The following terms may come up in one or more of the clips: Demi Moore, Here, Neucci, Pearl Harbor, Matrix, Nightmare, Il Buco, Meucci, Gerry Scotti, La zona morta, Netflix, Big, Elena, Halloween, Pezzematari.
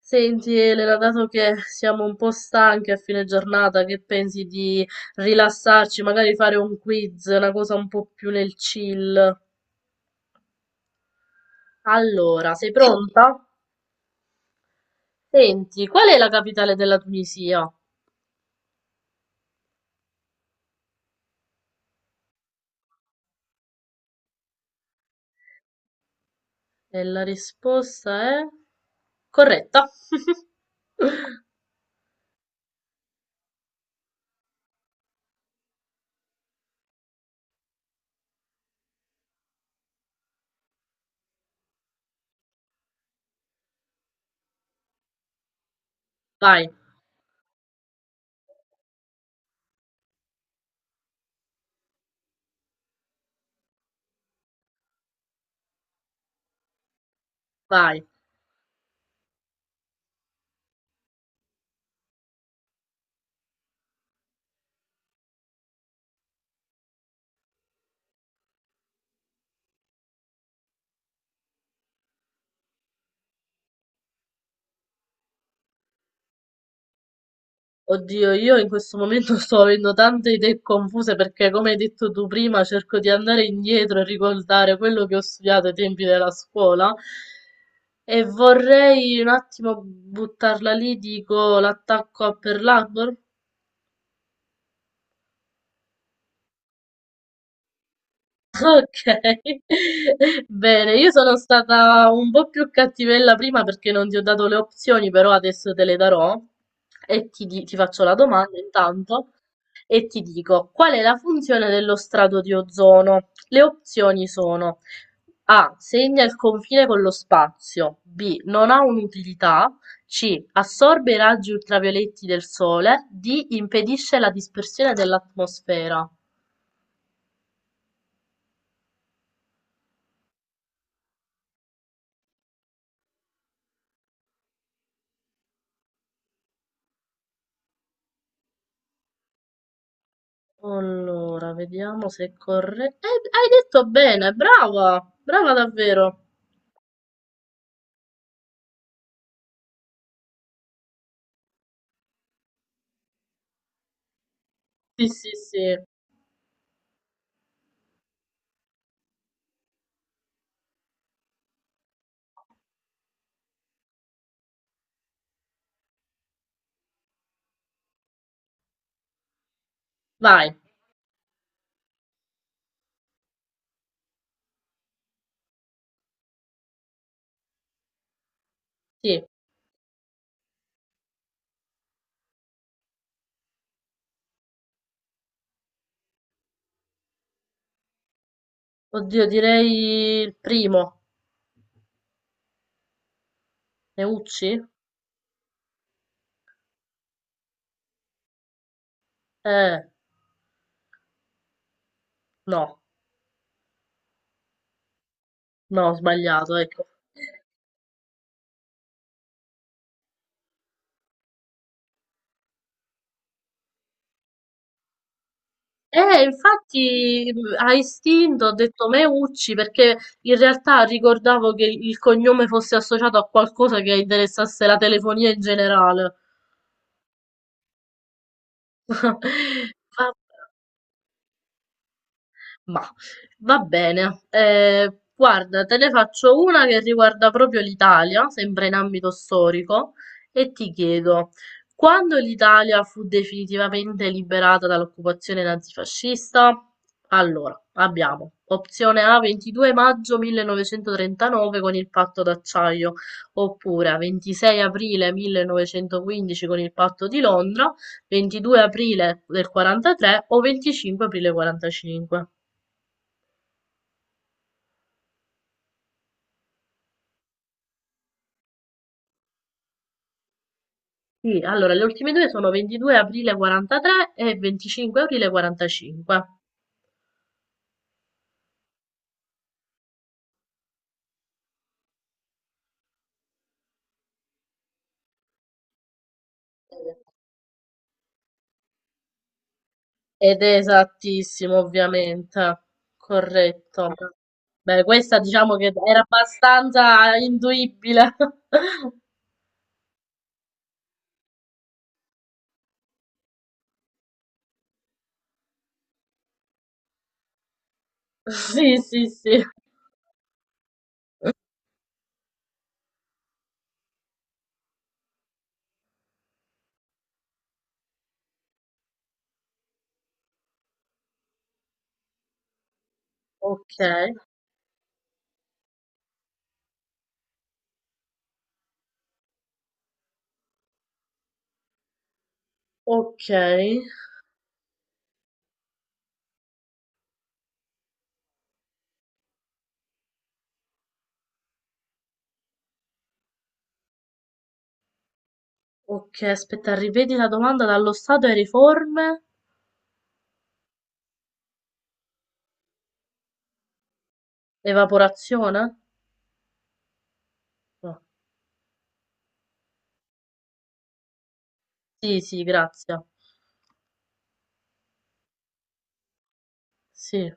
Senti Elena, dato che siamo un po' stanchi a fine giornata, che pensi di rilassarci, magari fare un quiz, una cosa un po' più nel chill? Allora, sei pronta? Senti, qual è la capitale della Tunisia? E la risposta è corretta. Vai, vai. Oddio, io in questo momento sto avendo tante idee confuse perché, come hai detto tu prima, cerco di andare indietro e ricordare quello che ho studiato ai tempi della scuola e vorrei un attimo buttarla lì, dico l'attacco a Pearl Harbor. Okay, bene, io sono stata un po' più cattivella prima perché non ti ho dato le opzioni, però adesso te le darò e ti, ti faccio la domanda intanto e ti dico qual è la funzione dello strato di ozono? Le opzioni sono A. Segna il confine con lo spazio, B. Non ha un'utilità, C. Assorbe i raggi ultravioletti del sole, D. Impedisce la dispersione dell'atmosfera. Allora, vediamo se è corretto. Hai detto bene, brava! Brava davvero. Sì, sì, sì. Vai. Sì. Oddio, direi il primo. Neucci? Eh, no. No, ho sbagliato, ecco. Infatti a istinto ho detto Meucci perché in realtà ricordavo che il cognome fosse associato a qualcosa che interessasse la telefonia in generale. Vabbè. Mah, va bene. Guarda, te ne faccio una che riguarda proprio l'Italia, sempre in ambito storico, e ti chiedo, quando l'Italia fu definitivamente liberata dall'occupazione nazifascista? Allora, abbiamo opzione A 22 maggio 1939 con il patto d'acciaio, oppure 26 aprile 1915 con il patto di Londra, 22 aprile del 43 o 25 aprile 45. Sì, allora le ultime due sono 22 aprile 43 e 25 aprile 45. Ed è esattissimo, ovviamente. Corretto. Beh, questa diciamo che era abbastanza induibile. Sì, sì, sì. Ok, ok, ok. Aspetta, ripeti la domanda dallo stato e riforme. Evaporazione? No. Sì, sì, grazie. Sì,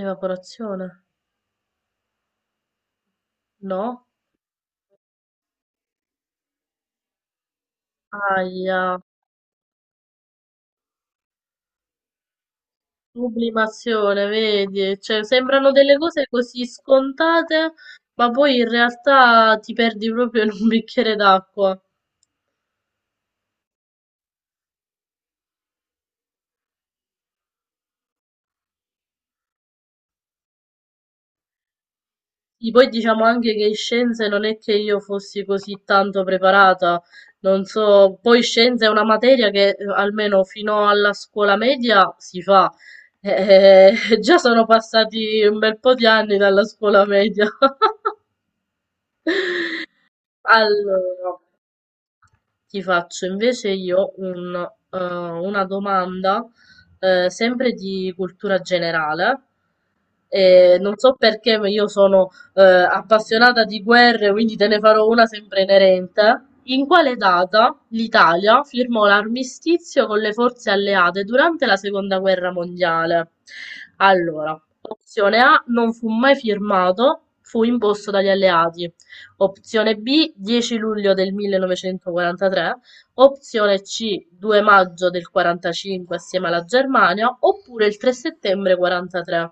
evaporazione. No? Aia. Sublimazione, vedi? Cioè, sembrano delle cose così scontate, ma poi in realtà ti perdi proprio in un bicchiere d'acqua. E poi diciamo anche che in scienze non è che io fossi così tanto preparata, non so, poi scienze è una materia che almeno fino alla scuola media si fa. Eh, già sono passati un bel po' di anni dalla scuola media. Allora. Ti faccio invece io una domanda, sempre di cultura generale. E non so perché, ma io sono appassionata di guerre, quindi te ne farò una sempre inerente. In quale data l'Italia firmò l'armistizio con le forze alleate durante la seconda guerra mondiale? Allora, opzione A non fu mai firmato, fu imposto dagli alleati. Opzione B dieci luglio del 1943, opzione C due maggio del 45 assieme alla Germania, oppure il 3 settembre 43.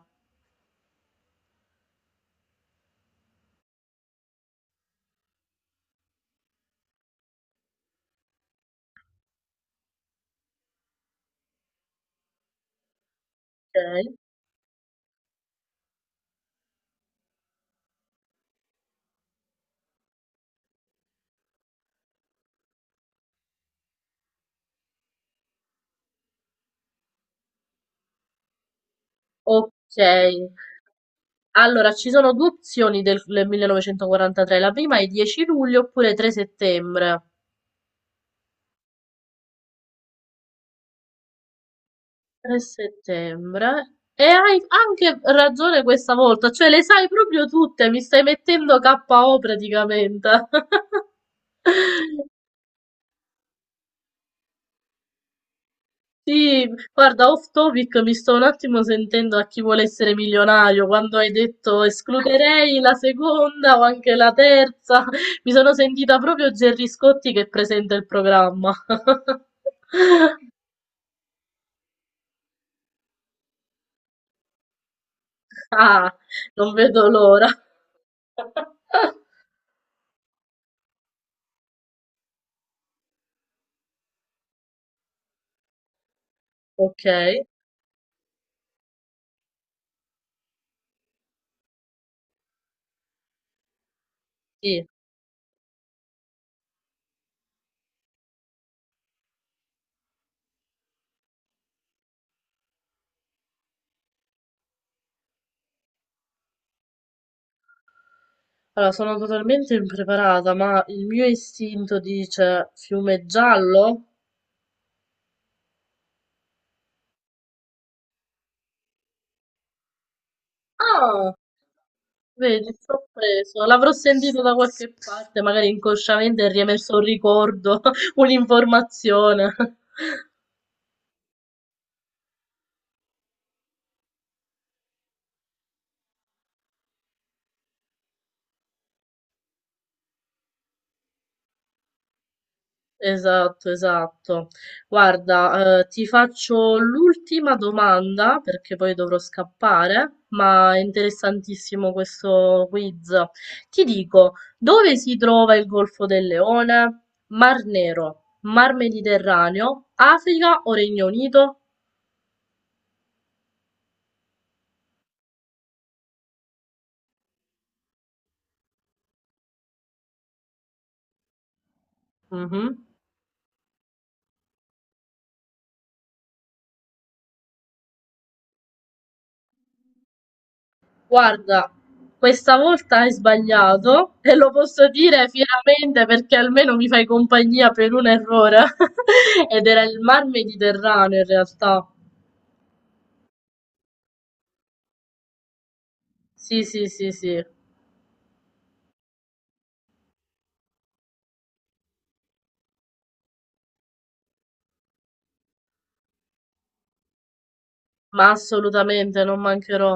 Ok. Ok. Allora, ci sono due opzioni del 1943. La prima è 10 luglio oppure 3 settembre. 3 settembre. E hai anche ragione questa volta, cioè le sai proprio tutte, mi stai mettendo KO praticamente. Sì, guarda, off topic, mi sto un attimo sentendo a chi vuole essere milionario, quando hai detto escluderei la seconda o anche la terza, mi sono sentita proprio Gerry Scotti che presenta il programma. Ah, non vedo l'ora. Ok, sì. Allora, sono totalmente impreparata, ma il mio istinto dice fiume giallo? Ah! Vedi, sorpreso. L'avrò sentito da qualche parte, magari inconsciamente è riemerso un ricordo, un'informazione. Esatto, esatto. Guarda, ti faccio l'ultima domanda perché poi dovrò scappare, ma è interessantissimo questo quiz. Ti dico, dove si trova il Golfo del Leone? Mar Nero, Mar Mediterraneo, Africa o Regno Unito? Mhm. Guarda, questa volta hai sbagliato e lo posso dire fieramente perché almeno mi fai compagnia per un errore. Ed era il Mar Mediterraneo in realtà. Sì, sì, sì, sì, ma assolutamente non mancherò.